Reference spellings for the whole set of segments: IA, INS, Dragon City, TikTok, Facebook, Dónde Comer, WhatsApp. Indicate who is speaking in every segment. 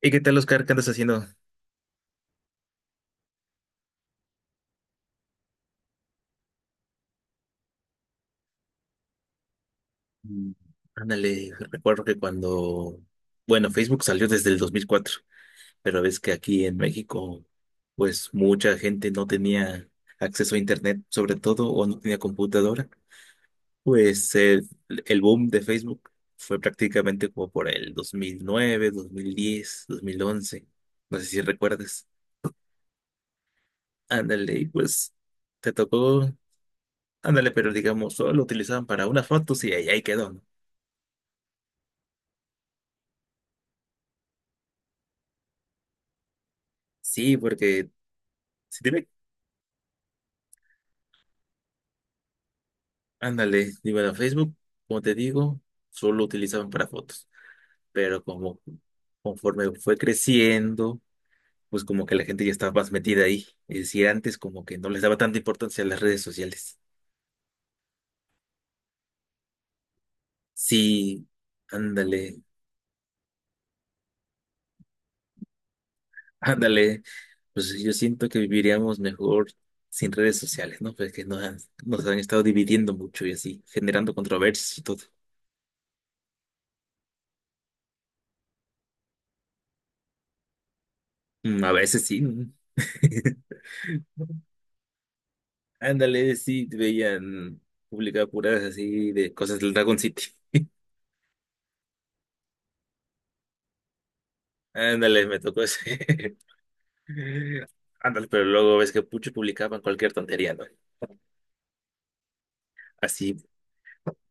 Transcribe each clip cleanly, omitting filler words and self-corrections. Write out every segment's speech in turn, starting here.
Speaker 1: ¿Y qué tal, Oscar? ¿Qué andas haciendo? Mm. Ándale, recuerdo que bueno, Facebook salió desde el 2004, pero ves que aquí en México, pues mucha gente no tenía acceso a Internet, sobre todo, o no tenía computadora. Pues el boom de Facebook fue prácticamente como por el 2009, 2010, 2011. No sé si recuerdas. Ándale, y pues te tocó, ándale, pero digamos, solo lo utilizaban para unas fotos y ahí quedó, ¿no? Sí, porque si te ve, ándale, digo, a Facebook, como te digo, solo lo utilizaban para fotos, pero como conforme fue creciendo, pues como que la gente ya estaba más metida ahí. Es decir, antes como que no les daba tanta importancia a las redes sociales. Sí, ándale, ándale, pues yo siento que viviríamos mejor sin redes sociales, ¿no? Pues que nos han estado dividiendo mucho y así, generando controversias y todo. Mm. A veces sí. Ándale, sí, veían publicar puras así de cosas del Dragon City. Ándale, me tocó ese. Ándale, pero luego ves que muchos publicaban cualquier tontería, ¿no? Así,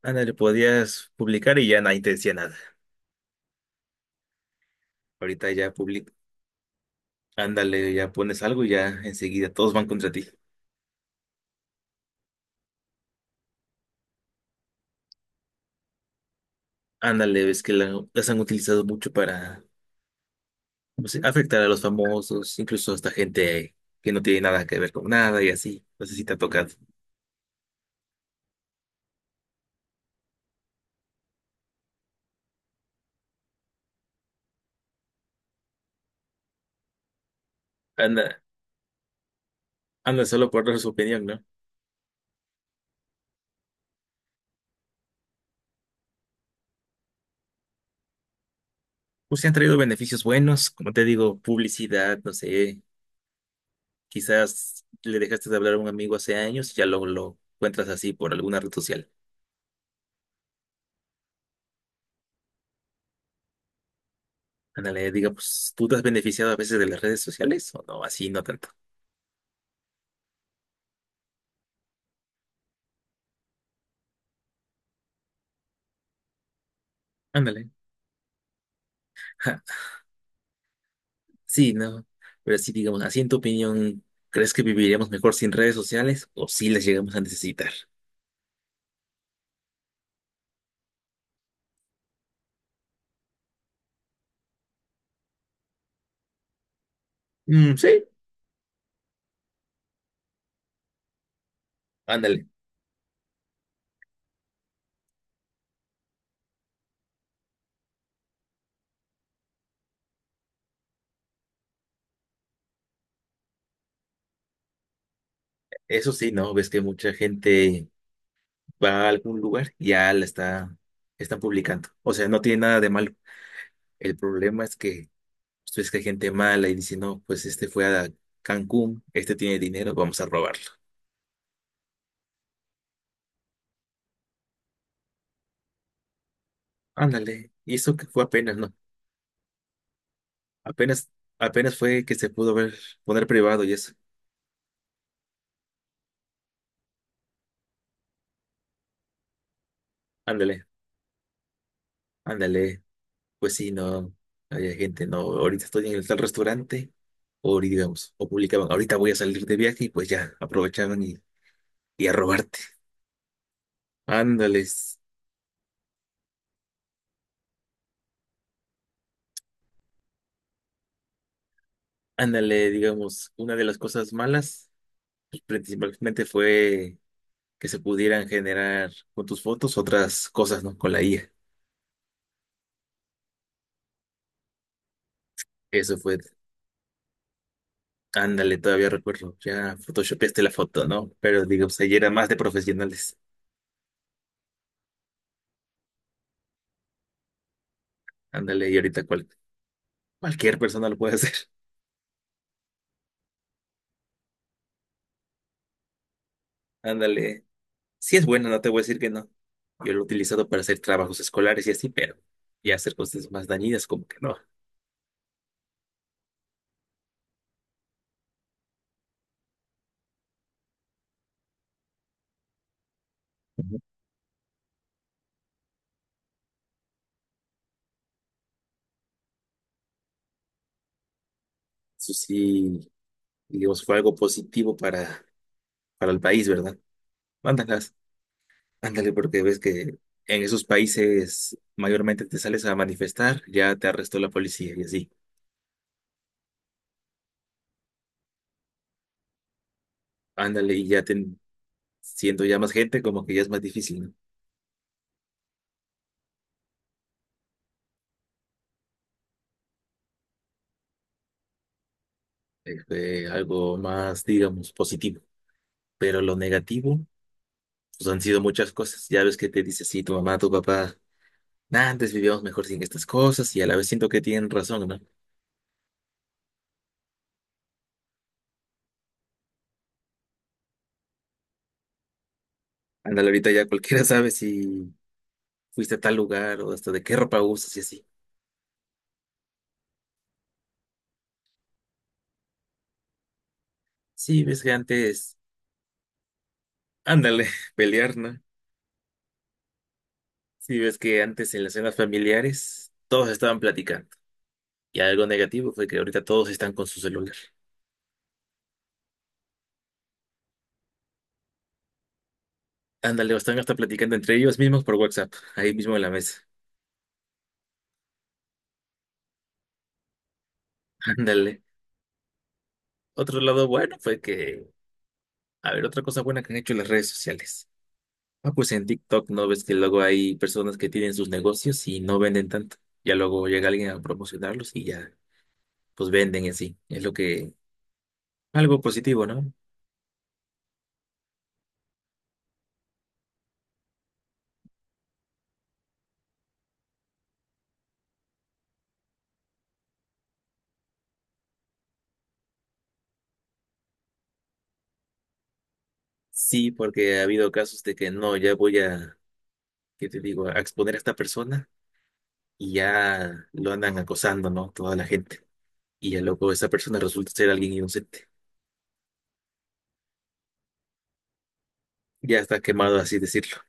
Speaker 1: ándale, podías publicar y ya nadie te decía nada. Ahorita ya publica, ándale, ya pones algo y ya enseguida todos van contra ti. Ándale, ves que las han utilizado mucho para, no sé, afectar a los famosos, incluso hasta gente que no tiene nada que ver con nada y así. No sé si te ha tocado. Anda, anda solo por dar su opinión, ¿no? Pues se han traído beneficios buenos, como te digo, publicidad, no sé, quizás le dejaste de hablar a un amigo hace años y ya lo encuentras así por alguna red social. Ándale, diga, pues, ¿tú te has beneficiado a veces de las redes sociales o no? Así no tanto. Ándale. Ja. Sí, no. Pero sí, digamos, así en tu opinión, ¿crees que viviríamos mejor sin redes sociales o sí las llegamos a necesitar? Mm, sí. Ándale. Eso sí, ¿no? Ves que mucha gente va a algún lugar y ya la está, están publicando. O sea, no tiene nada de malo. El problema es que pues que hay gente mala y dice, no, pues este fue a Cancún, este tiene dinero, vamos a robarlo. Ándale. Y eso que fue apenas, ¿no? Apenas, apenas fue que se pudo ver, poner privado y eso. Ándale, ándale. Pues sí, no, había gente, no, ahorita estoy en el tal restaurante, o digamos, o publicaban, ahorita voy a salir de viaje y pues ya, aprovechaban y a robarte. Ándales, ándale, digamos, una de las cosas malas, pues, principalmente fue que se pudieran generar con tus fotos otras cosas, ¿no? Con la IA. Eso fue, ándale, todavía recuerdo, ya photoshopeaste la foto, ¿no? Pero digo, o sea, ya era más de profesionales. Ándale, y ahorita cualquier persona lo puede hacer. Ándale. Si es bueno, no te voy a decir que no. Yo lo he utilizado para hacer trabajos escolares y así, pero ya hacer cosas más dañinas, como que no. Ujú. Eso sí, digamos, fue algo positivo para el país, ¿verdad? Mándalas. Ándale, porque ves que en esos países mayormente te sales a manifestar, ya te arrestó la policía y así. Ándale, y ya te, siendo ya más gente, como que ya es más difícil, ¿no? Este, algo más, digamos, positivo. Pero lo negativo, pues han sido muchas cosas. Ya ves que te dice, sí, tu mamá, tu papá, "Nah, antes vivíamos mejor sin estas cosas" y a la vez siento que tienen razón, ¿no? Ándale, ahorita ya cualquiera sabe si fuiste a tal lugar o hasta de qué ropa usas y así. Sí, ves que antes, ándale, pelear, ¿no? Sí, ves que antes en las cenas familiares todos estaban platicando. Y algo negativo fue que ahorita todos están con su celular. Ándale, o están hasta platicando entre ellos mismos por WhatsApp, ahí mismo en la mesa. Ándale. Otro lado bueno fue que, a ver, otra cosa buena que han hecho las redes sociales. Ah, pues en TikTok no ves que luego hay personas que tienen sus negocios y no venden tanto. Ya luego llega alguien a promocionarlos y ya, pues venden en sí. Es lo que, algo positivo, ¿no? Sí, porque ha habido casos de que no, ya voy a, ¿qué te digo?, a exponer a esta persona y ya lo andan acosando, ¿no? Toda la gente. Y el loco, esa persona resulta ser alguien inocente. Ya está quemado, así decirlo.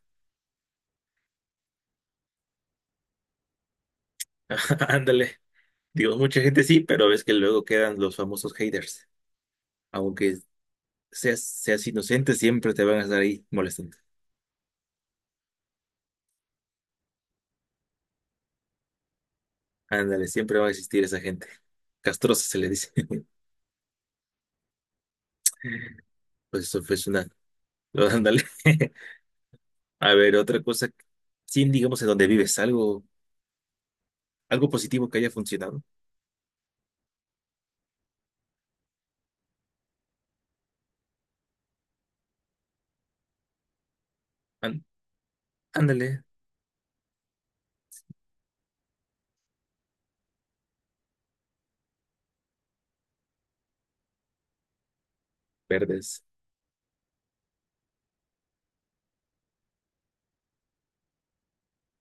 Speaker 1: Ándale. Digo, mucha gente sí, pero ves que luego quedan los famosos haters. Aunque seas inocente, siempre te van a estar ahí molestando. Ándale, siempre va a existir esa gente. Castrosa se le dice. Pues eso fue una. Ándale. A ver, otra cosa. Sin digamos en donde vives, algo positivo que haya funcionado. Án- Ándale, verdes.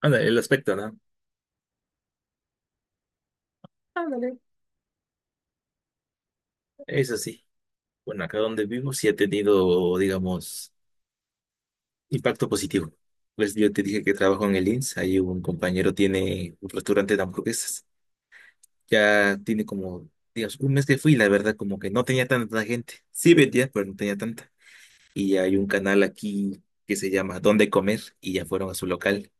Speaker 1: Ándale, el aspecto, ¿no? Ándale. Eso sí. Bueno, acá donde vivo sí ha tenido, digamos, impacto positivo. Pues yo te dije que trabajo en el INS, ahí un compañero tiene un restaurante de hamburguesas. Ya tiene como, digamos, un mes que fui, la verdad, como que no tenía tanta gente. Sí vendía, pero no tenía tanta. Y hay un canal aquí que se llama Dónde Comer y ya fueron a su local.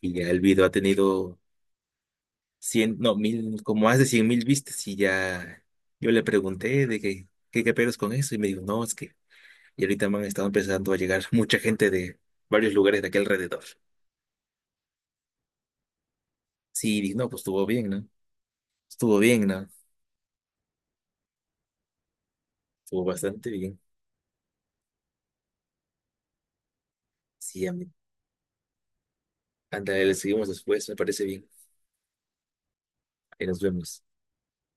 Speaker 1: Y ya el video ha tenido 100 no, mil, como más de 100,000 vistas y ya yo le pregunté de que, qué pedos con eso y me dijo, no, es que y ahorita me han estado empezando a llegar mucha gente de varios lugares de aquí alrededor. Sí, dije, no, pues estuvo bien, ¿no? Estuvo bien, ¿no? Estuvo bastante bien. Sí, a mí. Ándale, le seguimos después, me parece bien. Ahí nos vemos.